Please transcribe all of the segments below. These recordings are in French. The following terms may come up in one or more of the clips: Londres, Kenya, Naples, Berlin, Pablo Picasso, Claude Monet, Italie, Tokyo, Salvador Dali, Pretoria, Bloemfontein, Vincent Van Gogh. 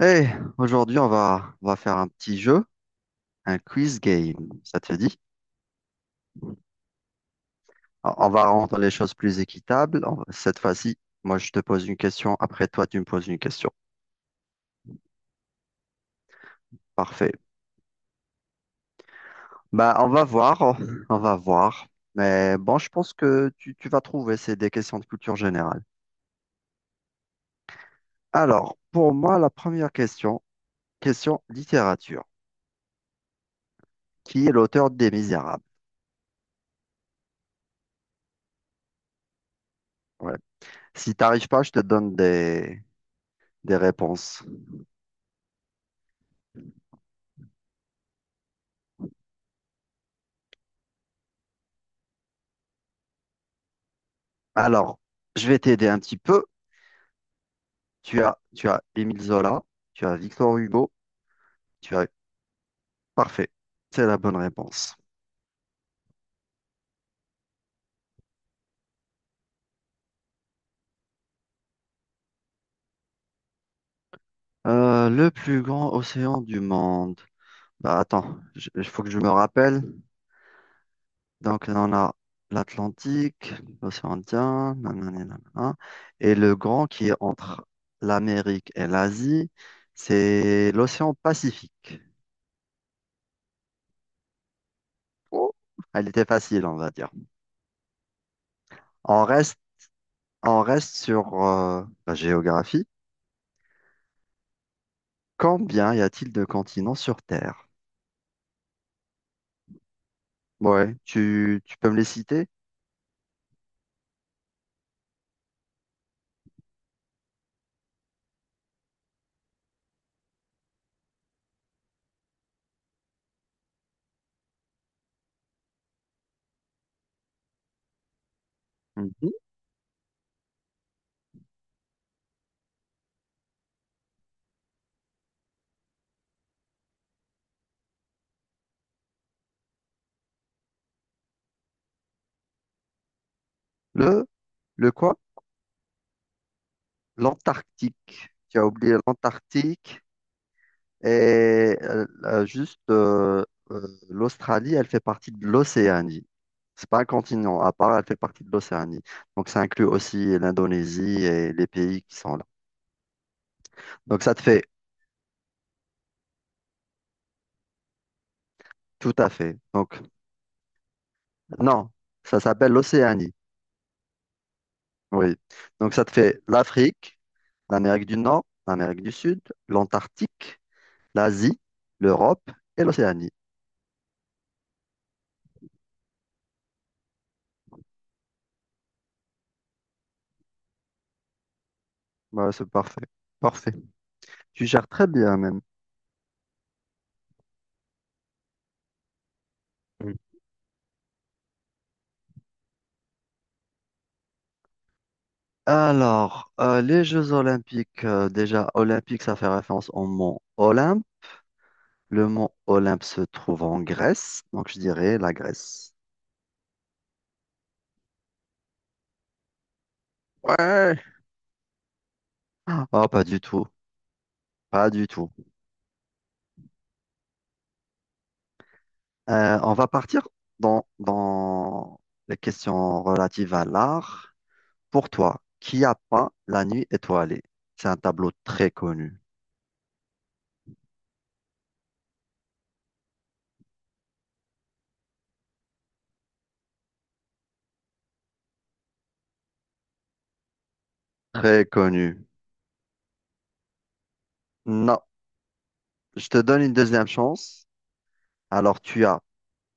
Hey, aujourd'hui, on va faire un petit jeu, un quiz game, ça te dit? On va rendre les choses plus équitables. Cette fois-ci, moi, je te pose une question, après toi, tu me poses une question. Parfait. Bah, on va voir. Mais bon, je pense que tu vas trouver, c'est des questions de culture générale. Alors, pour moi, la première question, question littérature. Qui est l'auteur des Misérables? Ouais. Si t'arrives pas, je te donne des réponses. Alors, je vais t'aider un petit peu. Tu as Émile Zola, tu as Victor Hugo, tu as... Parfait, c'est la bonne réponse. Le plus grand océan du monde. Bah attends, il faut que je me rappelle. Donc on a l'Atlantique, l'océan Indien, nanani, nanana, et le grand qui est entre l'Amérique et l'Asie, c'est l'océan Pacifique. Oh, elle était facile, on va dire. On reste, on reste sur la géographie. Combien y a-t-il de continents sur Terre? Ouais, tu peux me les citer? Mhm. Le, le quoi? L'Antarctique. Tu as oublié l'Antarctique et juste l'Australie, elle fait partie de l'Océanie. C'est pas un continent à part, elle fait partie de l'Océanie. Donc ça inclut aussi l'Indonésie et les pays qui sont là. Donc ça te fait tout à fait. Donc non, ça s'appelle l'Océanie. Oui. Donc ça te fait l'Afrique, l'Amérique du Nord, l'Amérique du Sud, l'Antarctique, l'Asie, l'Europe et l'Océanie. Voilà, c'est parfait. Parfait. Tu gères très bien même. Mm. Alors, les Jeux Olympiques, déjà, Olympique, ça fait référence au mont Olympe. Le mont Olympe se trouve en Grèce, donc je dirais la Grèce. Ouais. Oh, pas du tout, pas du tout. On va partir dans les questions relatives à l'art. Pour toi, qui a peint La Nuit étoilée? C'est un tableau très connu. Ah, très connu. Non, je te donne une deuxième chance. Alors tu as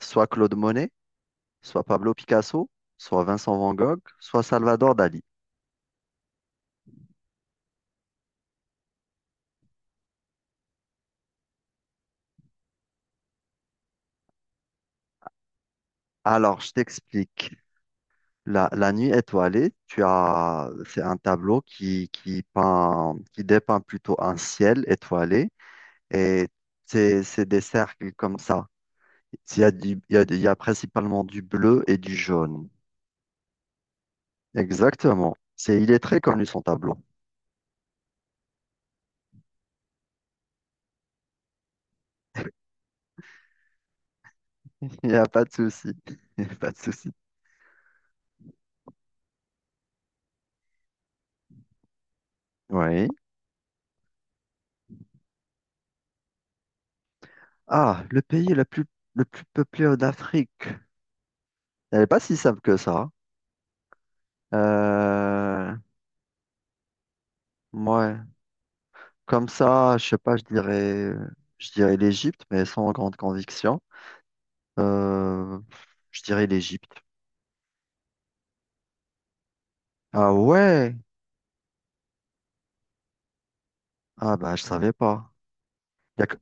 soit Claude Monet, soit Pablo Picasso, soit Vincent Van Gogh, soit Salvador Dali. Alors je t'explique. La Nuit étoilée, tu as, c'est un tableau qui dépeint plutôt un ciel étoilé et c'est des cercles comme ça. Il y a principalement du bleu et du jaune. Exactement. C'est, il est très connu son tableau. Il n'y a pas de souci. Il n'y a pas de souci. Oui. Ah, le plus peuplé d'Afrique. Elle n'est pas si simple que ça. Euh, ouais. Comme ça, je sais pas, je dirais l'Égypte, mais sans grande conviction. Euh, je dirais l'Égypte. Ah ouais. Ah bah, je savais pas. Il y a que-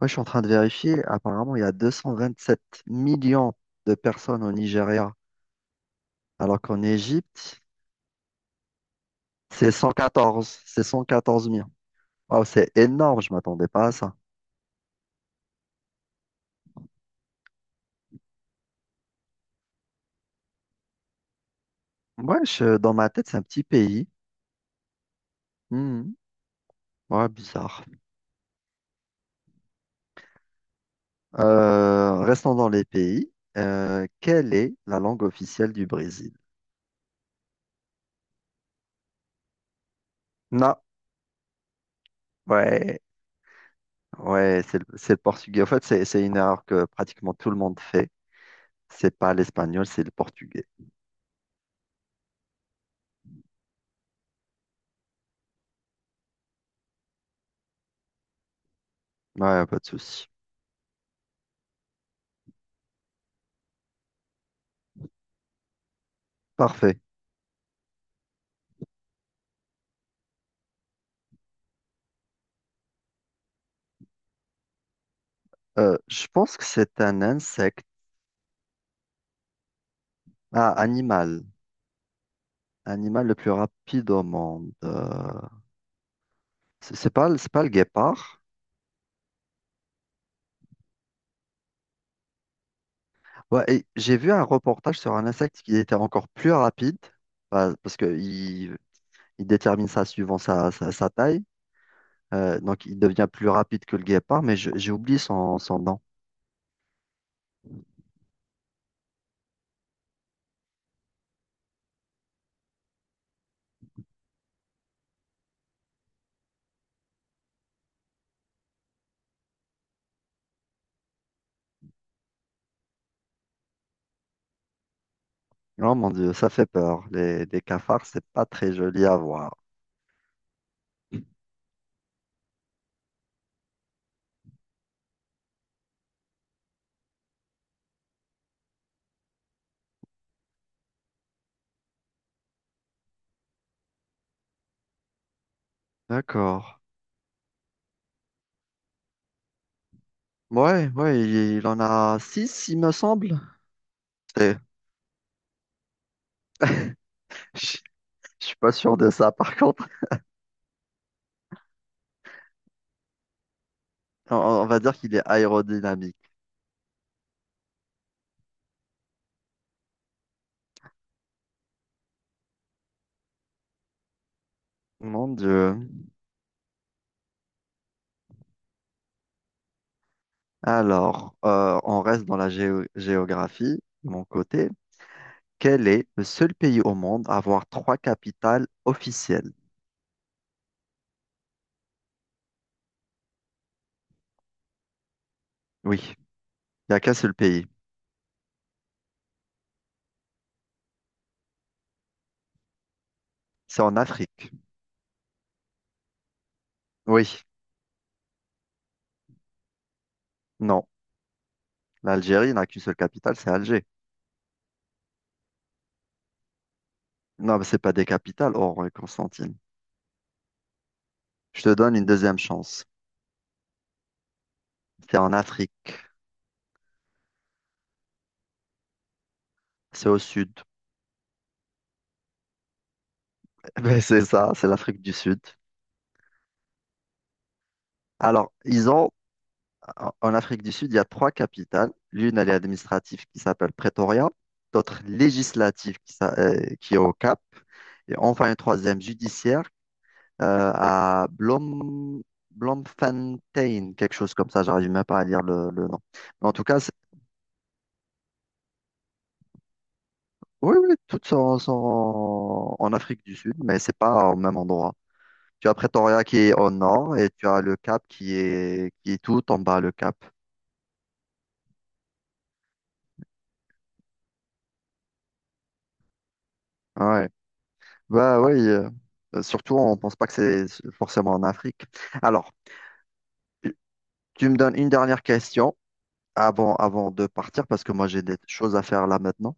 Moi, je suis en train de vérifier. Apparemment, il y a 227 millions de personnes au Nigeria. Alors qu'en Égypte, c'est 114 millions. Wow, c'est énorme, je m'attendais pas à ça. Dans ma tête, c'est un petit pays. Hmm, ouais, bizarre. Restons dans les pays. Quelle est la langue officielle du Brésil? Non, ouais, ouais, c'est le portugais. En fait, c'est une erreur que pratiquement tout le monde fait. C'est pas l'espagnol, c'est le portugais. Ouais, pas de souci. Parfait. Je pense que c'est un insecte. Ah, animal. Animal le plus rapide au monde. C'est pas le guépard. Ouais, et j'ai vu un reportage sur un insecte qui était encore plus rapide parce il détermine ça suivant sa taille. Donc il devient plus rapide que le guépard, mais j'ai oublié son nom. Oh mon Dieu, ça fait peur. Les cafards, c'est pas très joli à voir. D'accord. Il en a six, il me semble. C'est- Je je suis pas sûr de ça, par contre. On va dire qu'il est aérodynamique. Mon Dieu. Alors, on reste dans la géographie, de mon côté. Quel est le seul pays au monde à avoir trois capitales officielles? Oui, il n'y a qu'un seul pays. C'est en Afrique. Oui, non. L'Algérie n'a qu'une seule capitale, c'est Alger. Non, mais c'est pas des capitales, Oran et Constantine. Je te donne une deuxième chance. C'est en Afrique. C'est au sud. Ben, c'est ça, c'est l'Afrique du Sud. Alors, ils ont. En Afrique du Sud, il y a trois capitales. L'une, elle est administrative qui s'appelle Pretoria, d'autres législative qui est au Cap, et enfin une troisième judiciaire à Bloemfontein, quelque chose comme ça. J'arrive même pas à lire le nom. Mais en tout cas, c'est- Oui, oui, sont en Afrique du Sud, mais c'est pas au même endroit. Tu as Pretoria qui est au nord et tu as le Cap qui est tout en bas, le Cap. Ouais. Bah oui, surtout on pense pas que c'est forcément en Afrique. Alors, tu tu me donnes une dernière question avant de partir parce que moi j'ai des choses à faire là maintenant.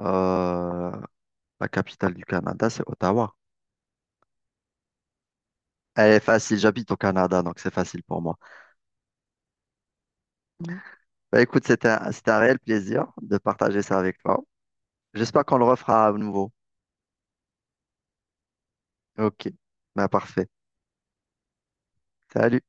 Euh, la capitale du Canada, c'est Ottawa. Elle est facile, j'habite au Canada, donc c'est facile pour moi. Bah écoute, c'était un réel plaisir de partager ça avec toi. J'espère qu'on le refera à nouveau. Ok, bah parfait. Salut.